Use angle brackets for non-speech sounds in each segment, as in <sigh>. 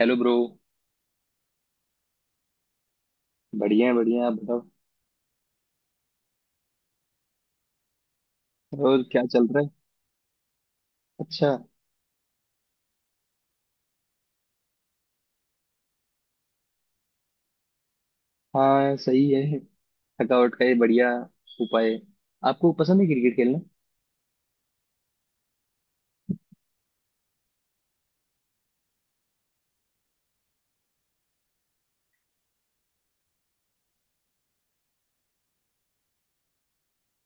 Hello bro. बढ़िया है, आप बताओ। और क्या चल रहा है। अच्छा। हाँ सही है, थकावट का ये बढ़िया उपाय है। आपको पसंद है क्रिकेट खेलना?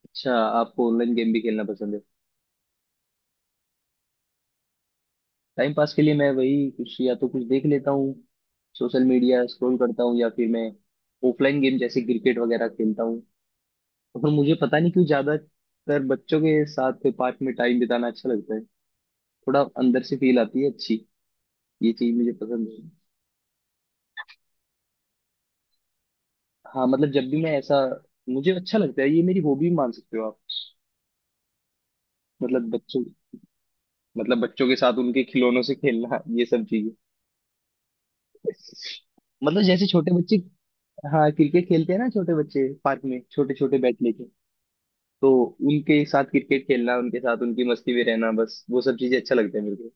अच्छा। आपको ऑनलाइन गेम भी खेलना पसंद है? टाइम पास के लिए मैं वही कुछ या तो कुछ देख लेता हूँ, सोशल मीडिया स्क्रॉल करता हूँ या फिर मैं ऑफलाइन गेम जैसे क्रिकेट वगैरह खेलता हूँ। और मुझे पता नहीं क्यों ज्यादातर बच्चों के साथ पार्क में टाइम बिताना अच्छा लगता है, थोड़ा अंदर से फील आती है अच्छी। ये चीज मुझे पसंद है। हाँ मतलब जब भी मैं ऐसा, मुझे अच्छा लगता है, ये मेरी हॉबी मान सकते हो आप। मतलब बच्चों, मतलब बच्चों के साथ उनके खिलौनों से खेलना <laughs> ये सब चीजें। मतलब जैसे छोटे बच्चे, हाँ क्रिकेट खेलते हैं ना छोटे बच्चे पार्क में छोटे छोटे बैट लेके, तो उनके साथ क्रिकेट खेलना, उनके साथ उनकी मस्ती में रहना, बस वो सब चीजें अच्छा लगता है मेरे को।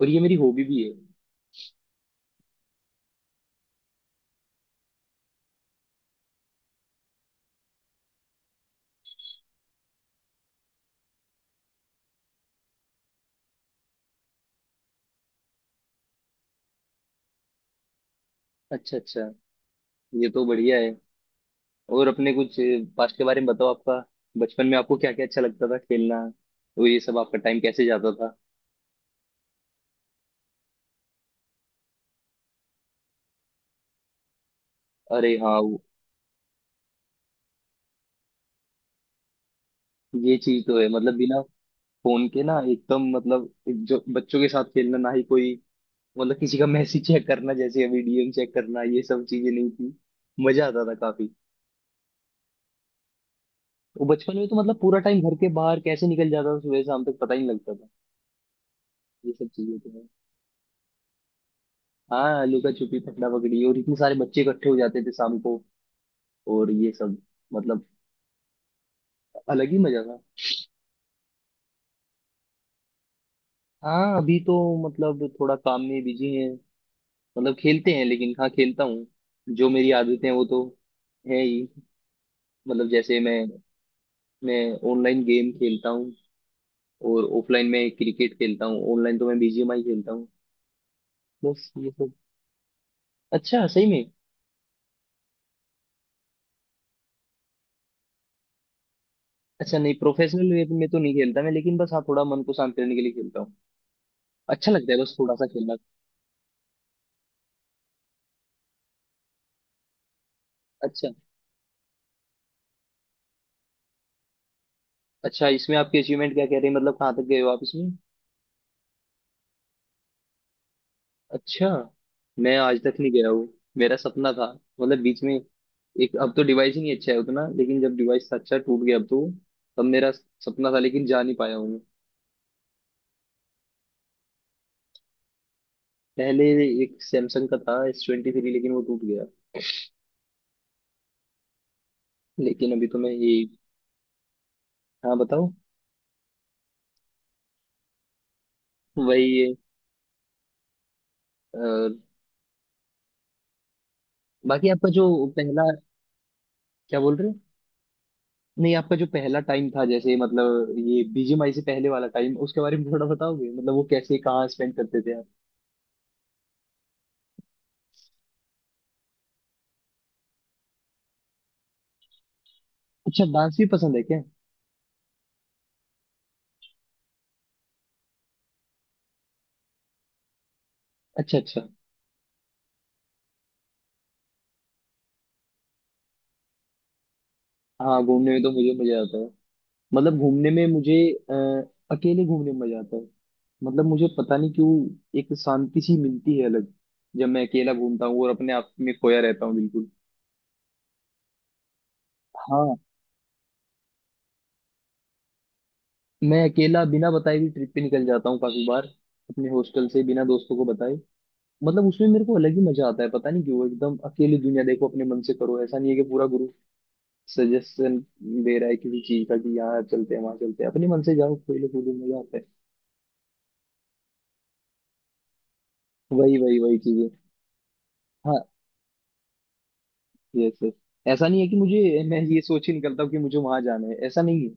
और ये मेरी हॉबी भी है। अच्छा अच्छा, ये तो बढ़िया है। और अपने कुछ पास्ट के बारे में बताओ आपका, बचपन में आपको क्या क्या अच्छा लगता था खेलना, तो ये सब आपका टाइम कैसे जाता था। अरे हाँ, ये चीज तो है, मतलब बिना फोन के ना एकदम, मतलब एक जो बच्चों के साथ खेलना, ना ही कोई, मतलब किसी का मैसेज चेक करना जैसे अभी डीएम चेक करना, ये सब चीजें नहीं थी। मजा आता था काफी। वो बचपन में तो मतलब पूरा टाइम घर के बाहर कैसे निकल जाता था, सुबह शाम तक पता ही नहीं लगता था। ये सब चीजें तो है। हाँ लुका छुपी पकड़ा पकड़ी, और इतने सारे बच्चे इकट्ठे हो जाते थे शाम को, और ये सब, मतलब अलग ही मजा था। हाँ अभी तो, मतलब थोड़ा काम में बिजी है, मतलब खेलते हैं लेकिन, हाँ खेलता हूँ। जो मेरी आदतें हैं वो तो है ही, मतलब जैसे मैं ऑनलाइन गेम खेलता हूँ और ऑफलाइन में क्रिकेट खेलता हूँ। ऑनलाइन तो मैं बीजीएमआई खेलता हूँ, बस ये सब। अच्छा सही में। अच्छा नहीं, प्रोफेशनल वे में तो नहीं खेलता मैं, लेकिन बस हाँ थोड़ा मन को शांत करने के लिए खेलता हूँ। अच्छा लगता है बस थोड़ा सा खेलना। अच्छा अच्छा, इसमें आपके अचीवमेंट क्या कह रहे हैं, मतलब कहाँ तक गए हो आप इसमें। अच्छा, मैं आज तक नहीं गया हूँ। मेरा सपना था, मतलब बीच में, एक, अब तो डिवाइस ही नहीं अच्छा है उतना, लेकिन जब डिवाइस अच्छा, टूट गया अब तो, तब मेरा सपना था लेकिन जा नहीं पाया हूँ मैं। पहले एक सैमसंग का था, S23, लेकिन वो टूट गया। लेकिन अभी तो मैं ये, हाँ बताओ। वही है। और बाकी आपका जो पहला, क्या बोल रहे हो। नहीं, आपका जो पहला टाइम था जैसे, मतलब ये बीजीएमआई से पहले वाला टाइम, उसके बारे में थोड़ा बताओगे, मतलब वो कैसे कहाँ स्पेंड करते थे आप। अच्छा, डांस भी पसंद है क्या? अच्छा अच्छा। हाँ घूमने में तो मुझे मजा आता है, मतलब घूमने में मुझे, अ, अकेले घूमने में मजा आता है। मतलब मुझे पता नहीं क्यों, एक शांति सी मिलती है अलग, जब मैं अकेला घूमता हूँ और अपने आप में खोया रहता हूँ बिल्कुल। हाँ मैं अकेला बिना बताए भी ट्रिप पे निकल जाता हूँ काफी बार, अपने हॉस्टल से बिना दोस्तों को बताए। मतलब उसमें मेरे को अलग ही मजा आता है, पता नहीं क्यों, एकदम अकेली दुनिया देखो, अपने मन से करो, ऐसा नहीं है कि पूरा ग्रुप सजेशन दे रहा है किसी चीज का कि यहाँ चलते हैं वहां चलते हैं, अपने मन से जाओ खेलो कूदो, मजा आता है। वही वही वही चीजें। हाँ, यस यस। ऐसा नहीं है कि मुझे, मैं ये सोच ही निकलता हूँ कि मुझे वहां जाना है, ऐसा नहीं।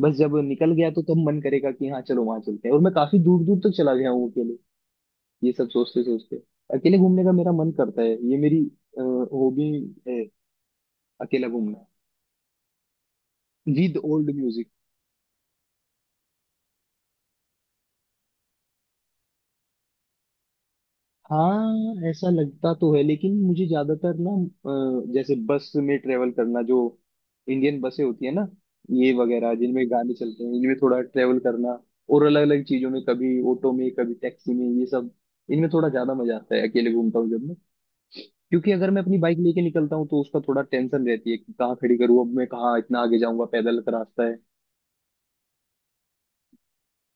बस जब निकल गया तो तब मन करेगा कि हाँ चलो वहां चलते हैं, और मैं काफी दूर दूर तक चला गया हूँ अकेले, ये सब सोचते सोचते। अकेले घूमने का मेरा मन करता है, ये मेरी हॉबी है, अकेला घूमना, विद ओल्ड म्यूजिक। हाँ ऐसा लगता तो है, लेकिन मुझे ज्यादातर ना, जैसे बस में ट्रेवल करना, जो इंडियन बसें होती है ना, ये वगैरह, जिनमें गाने चलते हैं, इनमें थोड़ा ट्रेवल करना, और अलग अलग चीजों में, कभी ऑटो में, कभी टैक्सी में, ये सब, इनमें थोड़ा ज्यादा मजा आता है अकेले घूमता हूँ जब मैं। क्योंकि अगर मैं अपनी बाइक लेके निकलता हूँ तो उसका थोड़ा टेंशन रहती है कि कहाँ खड़ी करूँ, अब मैं कहाँ इतना आगे जाऊंगा, पैदल का रास्ता है।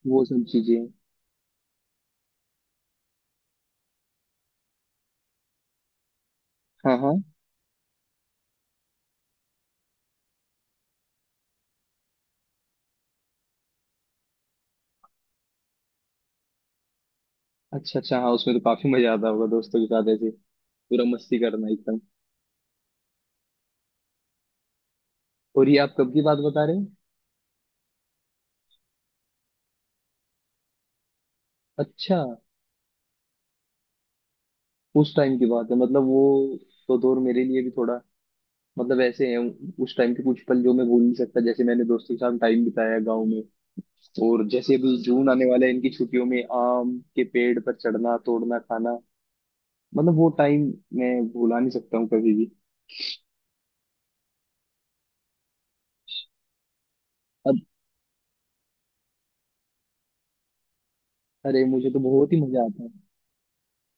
वो सब चीजें। हाँ हाँ, अच्छा अच्छा, हाँ उसमें तो काफी मजा आता होगा दोस्तों के साथ ऐसे, पूरा मस्ती करना एकदम। और ये आप कब की बात बता रहे हैं? अच्छा, उस टाइम की बात है, मतलब वो तो दौर मेरे लिए भी थोड़ा, मतलब ऐसे है, उस टाइम के कुछ पल जो मैं भूल नहीं सकता, जैसे मैंने दोस्तों के साथ टाइम बिताया गाँव में, और जैसे अभी जून आने वाला है इनकी छुट्टियों में, आम के पेड़ पर चढ़ना, तोड़ना, खाना, मतलब वो टाइम मैं भुला नहीं सकता हूँ कभी भी। अब अरे मुझे तो बहुत ही मजा आता है।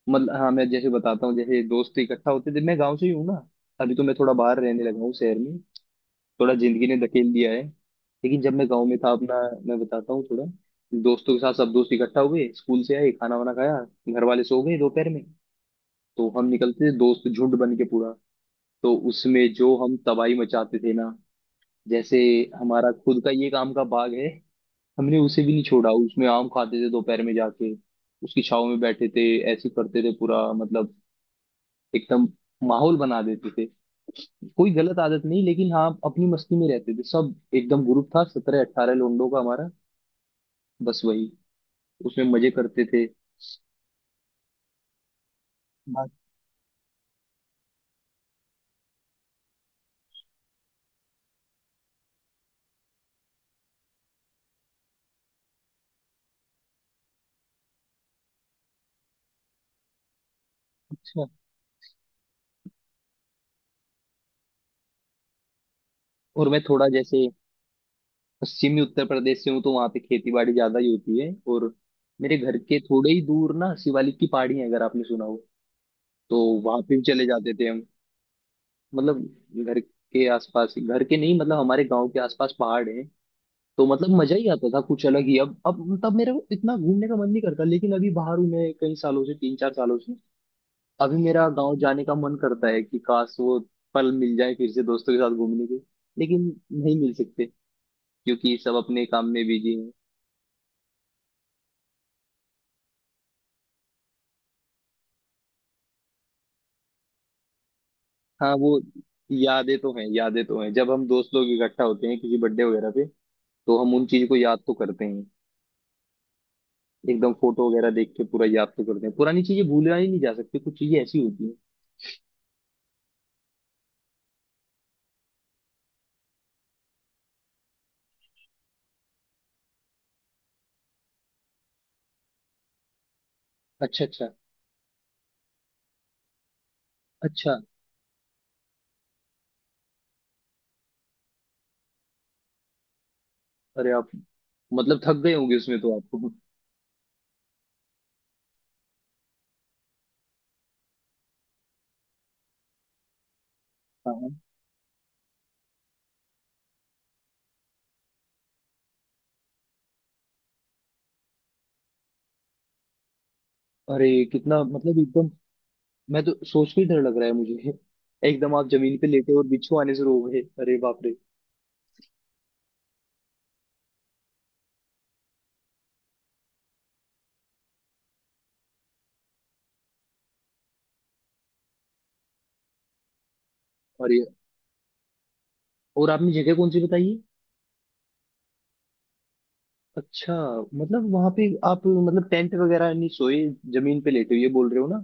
मतलब हाँ मैं जैसे बताता हूँ, जैसे दोस्त इकट्ठा होते थे, मैं गांव से ही हूँ ना, अभी तो मैं थोड़ा बाहर रहने लगा हूँ शहर में, थोड़ा जिंदगी ने धकेल दिया है। लेकिन जब मैं गांव में था अपना, मैं बताता हूँ थोड़ा, दोस्तों के साथ सब दोस्त इकट्ठा हुए, स्कूल से आए, खाना वाना खाया, घर वाले सो गए दोपहर में, तो हम निकलते थे दोस्त झुंड बन के पूरा, तो उसमें जो हम तबाही मचाते थे ना, जैसे, हमारा खुद का ये काम का बाग है, हमने उसे भी नहीं छोड़ा, उसमें आम खाते थे दोपहर में जाके, उसकी छाव में बैठे थे, ऐसे करते थे पूरा मतलब, एकदम माहौल बना देते थे। कोई गलत आदत नहीं, लेकिन हाँ अपनी मस्ती में रहते थे सब, एकदम ग्रुप था 17-18 लोंडों का हमारा, बस वही, उसमें मजे करते थे। बात- अच्छा, और मैं थोड़ा जैसे पश्चिमी उत्तर प्रदेश से हूँ, तो वहाँ पे खेती बाड़ी ज्यादा ही होती है, और मेरे घर के थोड़े ही दूर ना शिवालिक की पहाड़ी है, अगर आपने सुना हो, तो वहां पे भी चले जाते थे हम। मतलब घर के आसपास, घर के नहीं मतलब हमारे गांव के आसपास पहाड़ है, तो मतलब मजा ही आता था कुछ अलग ही। अब तब मेरा इतना घूमने का मन नहीं करता, लेकिन अभी बाहर हूं मैं कई सालों से, 3-4 सालों से, अभी मेरा गांव जाने का मन करता है, कि काश वो पल मिल जाए फिर से दोस्तों के साथ घूमने के, लेकिन नहीं मिल सकते, क्योंकि सब अपने काम में बिजी हैं। हाँ वो यादें तो हैं, यादें तो हैं, जब हम दोस्त लोग इकट्ठा होते हैं किसी बर्थडे वगैरह पे, तो हम उन चीज को याद तो करते हैं, एकदम फोटो वगैरह देख के पूरा याद तो करते हैं, पुरानी चीजें भूला ही नहीं जा सकती, कुछ चीजें ऐसी होती हैं। अच्छा अच्छा। अच्छा अरे, आप मतलब थक गए होंगे उसमें तो आपको। हाँ हाँ। अरे कितना, मतलब एकदम, मैं तो सोच के ही डर लग रहा है मुझे <laughs> एकदम आप जमीन पे लेटे और बिच्छू आने शुरू हो गए, अरे बाप रे। अरे, और आपने जगह कौन सी बताई है? अच्छा, मतलब वहां पे आप, मतलब टेंट वगैरह नहीं सोए, जमीन पे लेटे हो, ये बोल रहे हो ना।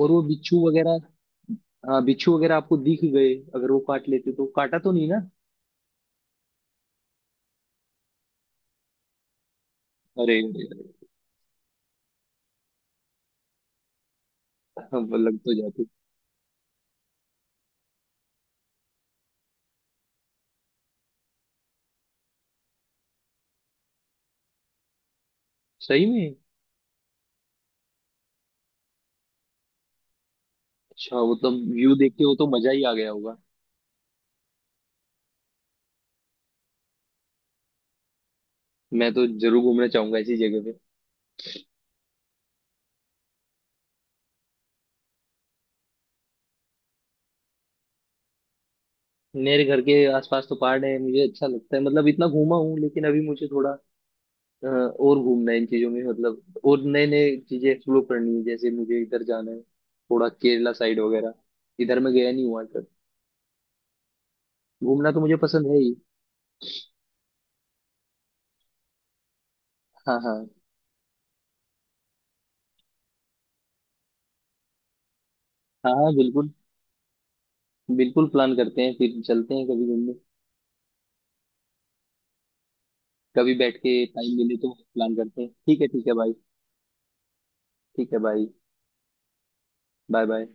और वो बिच्छू वगैरह, हाँ बिच्छू वगैरह आपको दिख गए, अगर वो काट लेते, तो काटा तो नहीं ना। अरे, हाँ वो लग तो जाती। सही में। अच्छा, वो तो व्यू देख के वो तो मजा ही आ गया होगा। मैं तो जरूर घूमना चाहूंगा ऐसी जगह पे। मेरे घर के आसपास तो पहाड़ है, मुझे अच्छा लगता है, मतलब इतना घूमा हूँ, लेकिन अभी मुझे थोड़ा, और घूमना है इन चीजों में, मतलब और नए नए चीजें एक्सप्लोर करनी है, जैसे मुझे इधर जाना है थोड़ा केरला साइड वगैरह, इधर मैं गया नहीं हुआ तक, घूमना तो मुझे पसंद है ही। हाँ हाँ। हाँ हाँ बिल्कुल, बिल्कुल प्लान करते हैं, फिर चलते हैं कभी घूमने, कभी बैठ के टाइम मिले तो प्लान करते हैं। ठीक है भाई। ठीक है भाई। Bye bye.